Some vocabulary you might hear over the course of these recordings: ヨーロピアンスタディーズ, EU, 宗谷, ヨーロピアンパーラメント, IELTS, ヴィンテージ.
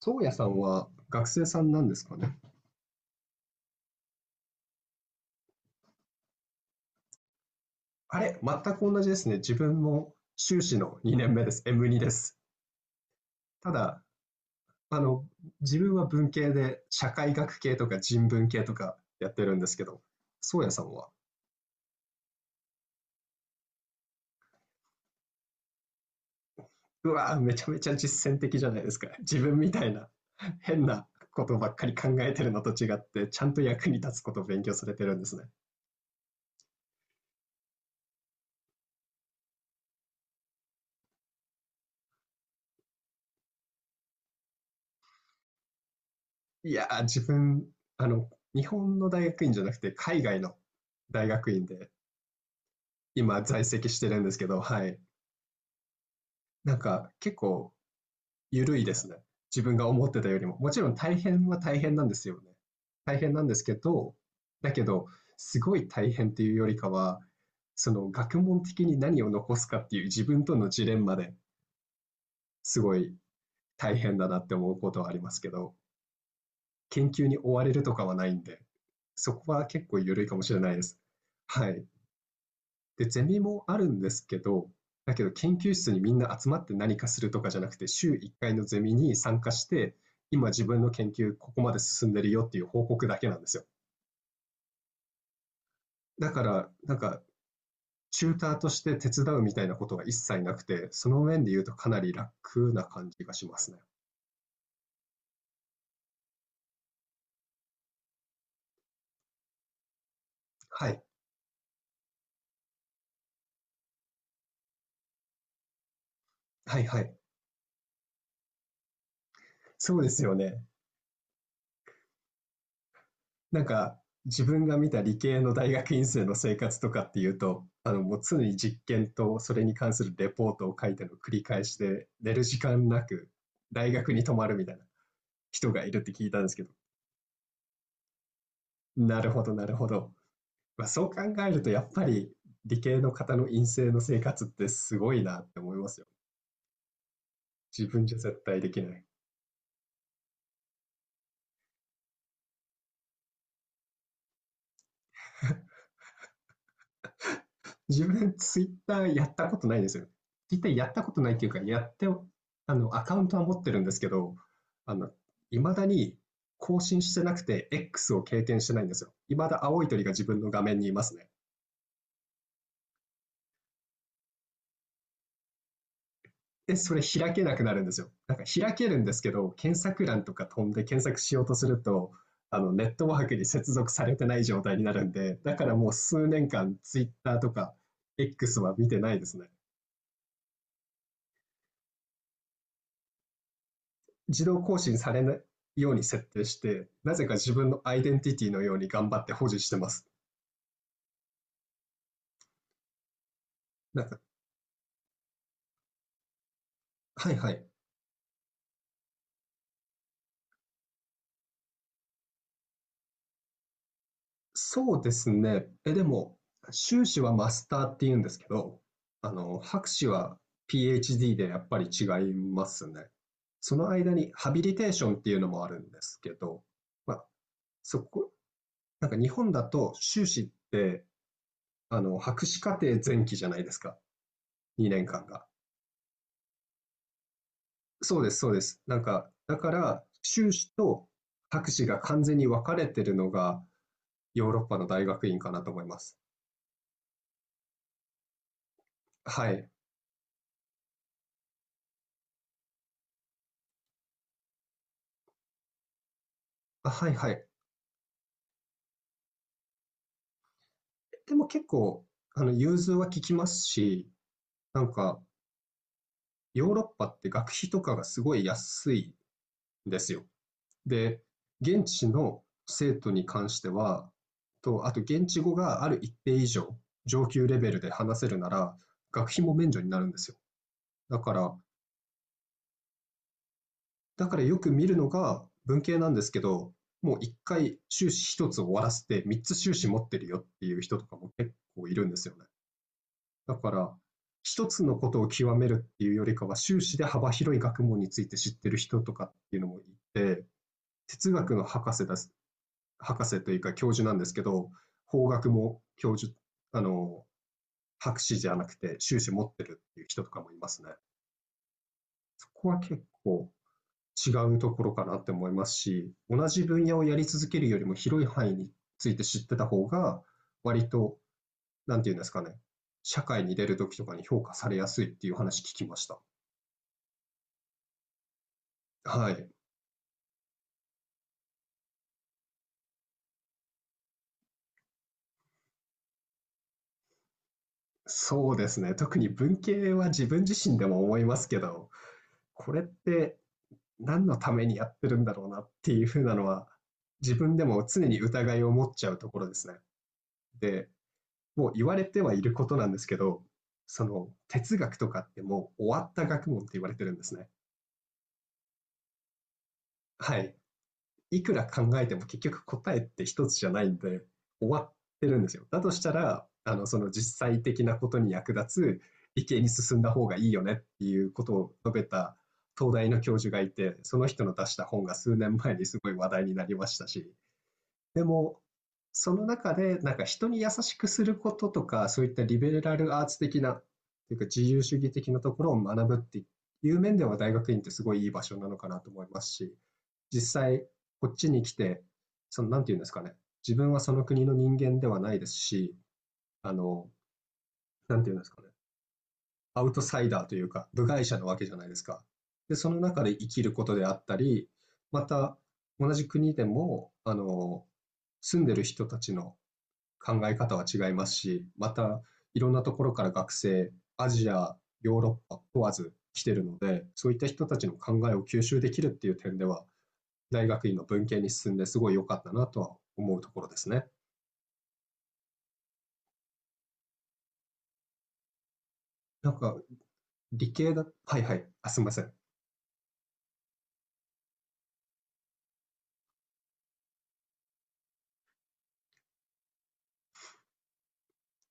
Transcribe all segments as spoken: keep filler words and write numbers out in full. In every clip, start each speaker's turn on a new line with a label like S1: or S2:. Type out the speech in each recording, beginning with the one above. S1: 宗谷さんは学生さんなんですかね。あれ、全く同じですね。自分も修士のにねんめです。エムツー です。ただ、あの、自分は文系で社会学系とか人文系とかやってるんですけど、宗谷さんは、うわー、めちゃめちゃ実践的じゃないですか。自分みたいな変なことばっかり考えてるのと違って、ちゃんと役に立つことを勉強されてるんですね。いやー、自分、あの、日本の大学院じゃなくて海外の大学院で今在籍してるんですけど、はい。なんか結構緩いですね。自分が思ってたよりも。もちろん大変は大変なんですよね。大変なんですけど、だけど、すごい大変っていうよりかは、その学問的に何を残すかっていう自分とのジレンマですごい大変だなって思うことはありますけど、研究に追われるとかはないんで、そこは結構緩いかもしれないです。はい。で、ゼミもあるんですけど、だけど研究室にみんな集まって何かするとかじゃなくて、週いっかいのゼミに参加して、今自分の研究ここまで進んでるよっていう報告だけなんですよ。だから、なんか、チューターとして手伝うみたいなことは一切なくて、その面で言うとかなり楽な感じがしますね。はい。はいはい。そうですよね。なんか、自分が見た理系の大学院生の生活とかっていうと、あの、もう常に実験とそれに関するレポートを書いての繰り返しで、寝る時間なく大学に泊まるみたいな人がいるって聞いたんですけど、なるほど、なるほど。まあ、そう考えると、やっぱり理系の方の院生の生活ってすごいなって思いますよ。自分じゃ絶対できない。自分、ツイッターやったことないですよ。ツイッターやったことないっていうか、やってあの、アカウントは持ってるんですけど、あの、いまだに更新してなくて、X を経験してないんですよ。いまだ青い鳥が自分の画面にいますね。で、それ開けなくなるんですよ。なんか開けるんですけど、検索欄とか飛んで検索しようとすると、あの、ネットワークに接続されてない状態になるんで、だからもう数年間、ツイッターとか X は見てないですね。自動更新されないように設定して、なぜか自分のアイデンティティのように頑張って保持してます。なんか、はいはい。そうですね。え、でも、修士はマスターって言うんですけど、あの、博士は PhD でやっぱり違いますね。その間にハビリテーションっていうのもあるんですけど、まあ、そこ、なんか日本だと修士って、あの、博士課程前期じゃないですか。にねんかんが。そうです、そうです。なんか、だから、修士と博士が完全に分かれてるのが、ヨーロッパの大学院かなと思います。はい。あ、はいはい。でも結構、あの、融通は効きますし、なんか、ヨーロッパって学費とかがすごい安いんですよ。で、現地の生徒に関しては、と、あと現地語がある一定以上、上級レベルで話せるなら、学費も免除になるんですよ。だから、だからよく見るのが文系なんですけど、もういっかい修士一つ終わらせてみっつ修士持ってるよっていう人とかも結構いるんですよね。だから一つのことを極めるっていうよりかは修士で幅広い学問について知ってる人とかっていうのもいて、哲学の博士です。博士というか教授なんですけど、法学も教授、あの、博士じゃなくて修士持ってるっていう人とかもいますね。そこは結構違うところかなって思いますし、同じ分野をやり続けるよりも広い範囲について知ってた方が、割と、なんていうんですかね、社会に出るときとかに評価されやすいっていう話聞きました。はい。そうですね。特に文系は自分自身でも思いますけど、これって何のためにやってるんだろうなっていうふうなのは、自分でも常に疑いを持っちゃうところですね。で、もう言われてはいることなんですけど、その哲学とかってもう終わった学問って言われてるんですね。はい。いくら考えても結局答えって一つじゃないんで、終わってるんですよ。だとしたら、あの、その実際的なことに役立つ理系に進んだ方がいいよねっていうことを述べた東大の教授がいて、その人の出した本が数年前にすごい話題になりましたし、でも、その中で、なんか人に優しくすることとか、そういったリベラルアーツ的な、というか自由主義的なところを学ぶっていう面では大学院ってすごいいい場所なのかなと思いますし、実際こっちに来て、その、なんていうんですかね、自分はその国の人間ではないですし、あの、なんていうんですかね、アウトサイダーというか、部外者なわけじゃないですか。で、その中で生きることであったり、また同じ国でも、あの、住んでる人たちの考え方は違いますし、またいろんなところから学生、アジア、ヨーロッパ問わず来てるので、そういった人たちの考えを吸収できるっていう点では、大学院の文系に進んですごい良かったなとは思うところですね。なんか理系だ、はいはい、あ、すみません。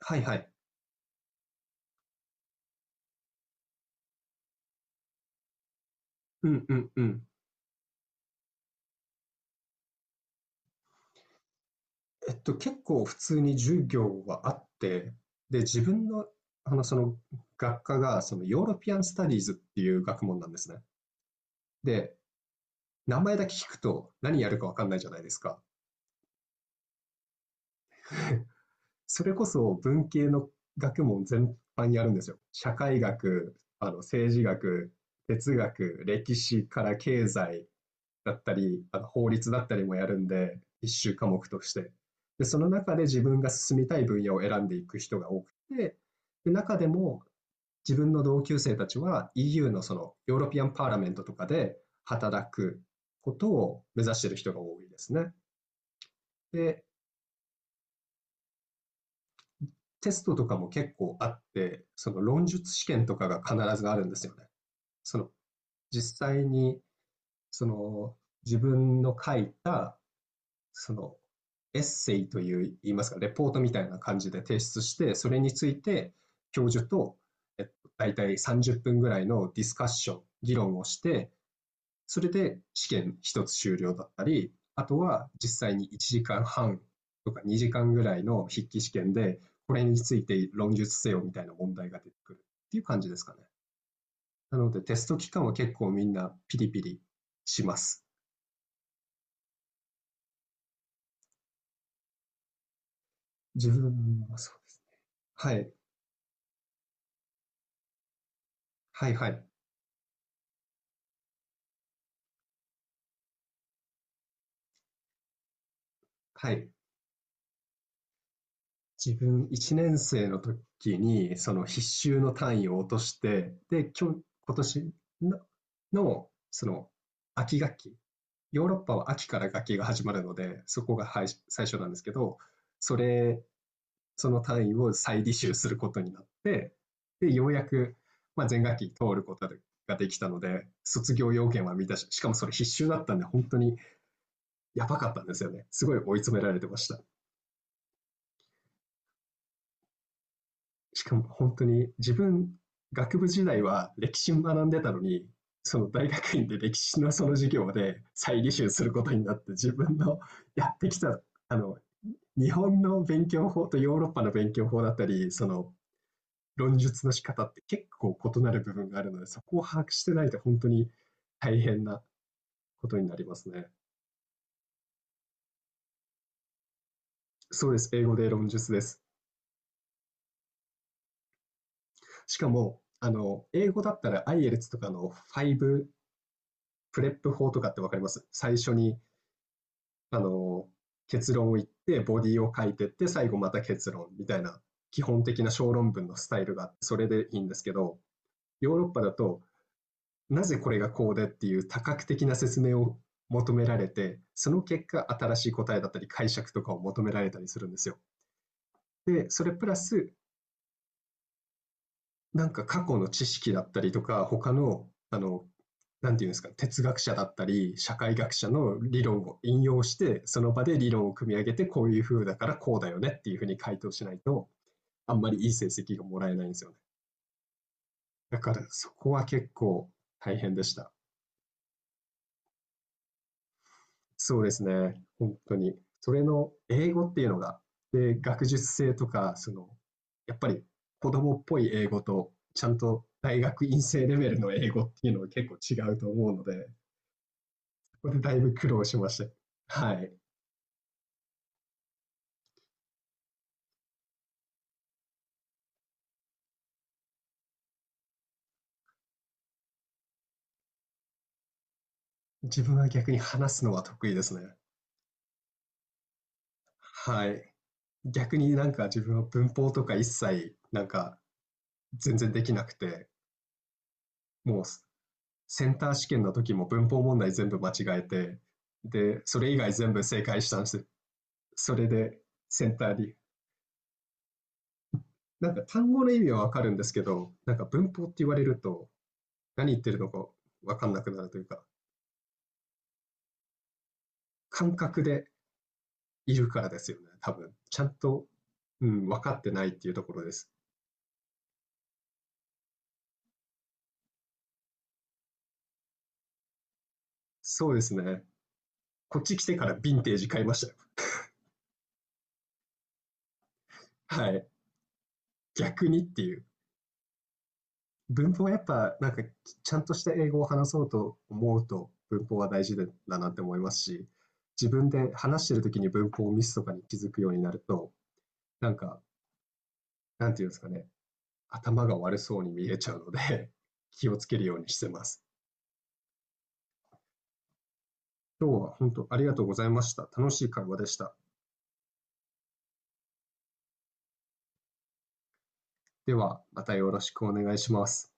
S1: はいはい。うんうんうん。えっと、結構普通に授業はあって、で、自分の、あの、その学科が、そのヨーロピアンスタディーズっていう学問なんですね。で、名前だけ聞くと何やるか分かんないじゃないですか。それこそ文系の学問全般やるんですよ。社会学、あの政治学、哲学、歴史から経済だったり、あの法律だったりもやるんで、一修科目として。で、その中で自分が進みたい分野を選んでいく人が多くて、で、中でも自分の同級生たちは イーユー のそのヨーロピアンパーラメントとかで働くことを目指している人が多いですね。で、テストとかも結構あって、その論述試験とかが必ずあるんですよね。その実際にその自分の書いたそのエッセイという言いますか、レポートみたいな感じで提出して、それについて教授と、えっと、大体さんじゅっぷんぐらいのディスカッション、議論をして、それで試験一つ終了だったり、あとは実際にいちじかんはんとかにじかんぐらいの筆記試験で、これについて論述せよみたいな問題が出てくるっていう感じですかね。なのでテスト期間は結構みんなピリピリします。自分もそうですね。はい。はいはい。はい。自分いちねん生の時にその必修の単位を落として、で、今日、今年ののその秋学期、ヨーロッパは秋から学期が始まるので、そこがはい最初なんですけど、それ、その単位を再履修することになって、で、ようやく、まあ、前学期通ることができたので、卒業要件は満たし、しかもそれ必修だったんで、本当にやばかったんですよね。すごい追い詰められてました。しかも本当に自分、学部時代は歴史学んでたのに、その大学院で歴史のその授業で再履修することになって、自分のやってきたあの日本の勉強法とヨーロッパの勉強法だったり、その論述の仕方って結構異なる部分があるので、そこを把握してないと本当に大変なことになりますね。そうです、英語で論述です。しかも、あの、英語だったら アイエルツ とかのファイブプレップ法とかってわかります？最初に、あの、結論を言って、ボディを書いてって、最後また結論みたいな基本的な小論文のスタイルがあって、それでいいんですけど、ヨーロッパだとなぜこれがこうでっていう多角的な説明を求められて、その結果、新しい答えだったり解釈とかを求められたりするんですよ。で、それプラス、なんか過去の知識だったりとか、他の、あの、なんていうんですか、哲学者だったり、社会学者の理論を引用して、その場で理論を組み上げて、こういう風だからこうだよねっていう風に回答しないと、あんまりいい成績がもらえないんですよね。だからそこは結構大変でした。そうですね。本当に。それの英語っていうのが、で、学術性とか、その、やっぱり子供っぽい英語と、ちゃんと大学院生レベルの英語っていうのは結構違うと思うので、ここでだいぶ苦労しました。はい。自分は逆に話すのは得意ですね。はい。逆になんか自分は文法とか一切、なんか全然できなくて、もうセンター試験の時も文法問題全部間違えて、で、それ以外全部正解したんです。それでセンターに。なんか単語の意味はわかるんですけど、なんか文法って言われると何言ってるのかわかんなくなるというか、感覚でいるからですよね、多分。ちゃんと、うん、分かってないっていうところです。そうですね。こっち来てからヴィンテージ買いましたよ。はい。逆にっていう。文法はやっぱなんかちゃんとした英語を話そうと思うと文法は大事だなって思いますし、自分で話してる時に文法をミスとかに気づくようになると、なんか、なんていうんですかね、頭が悪そうに見えちゃうので 気をつけるようにしてます。今日は本当ありがとうございました。楽しい会話でした。では、またよろしくお願いします。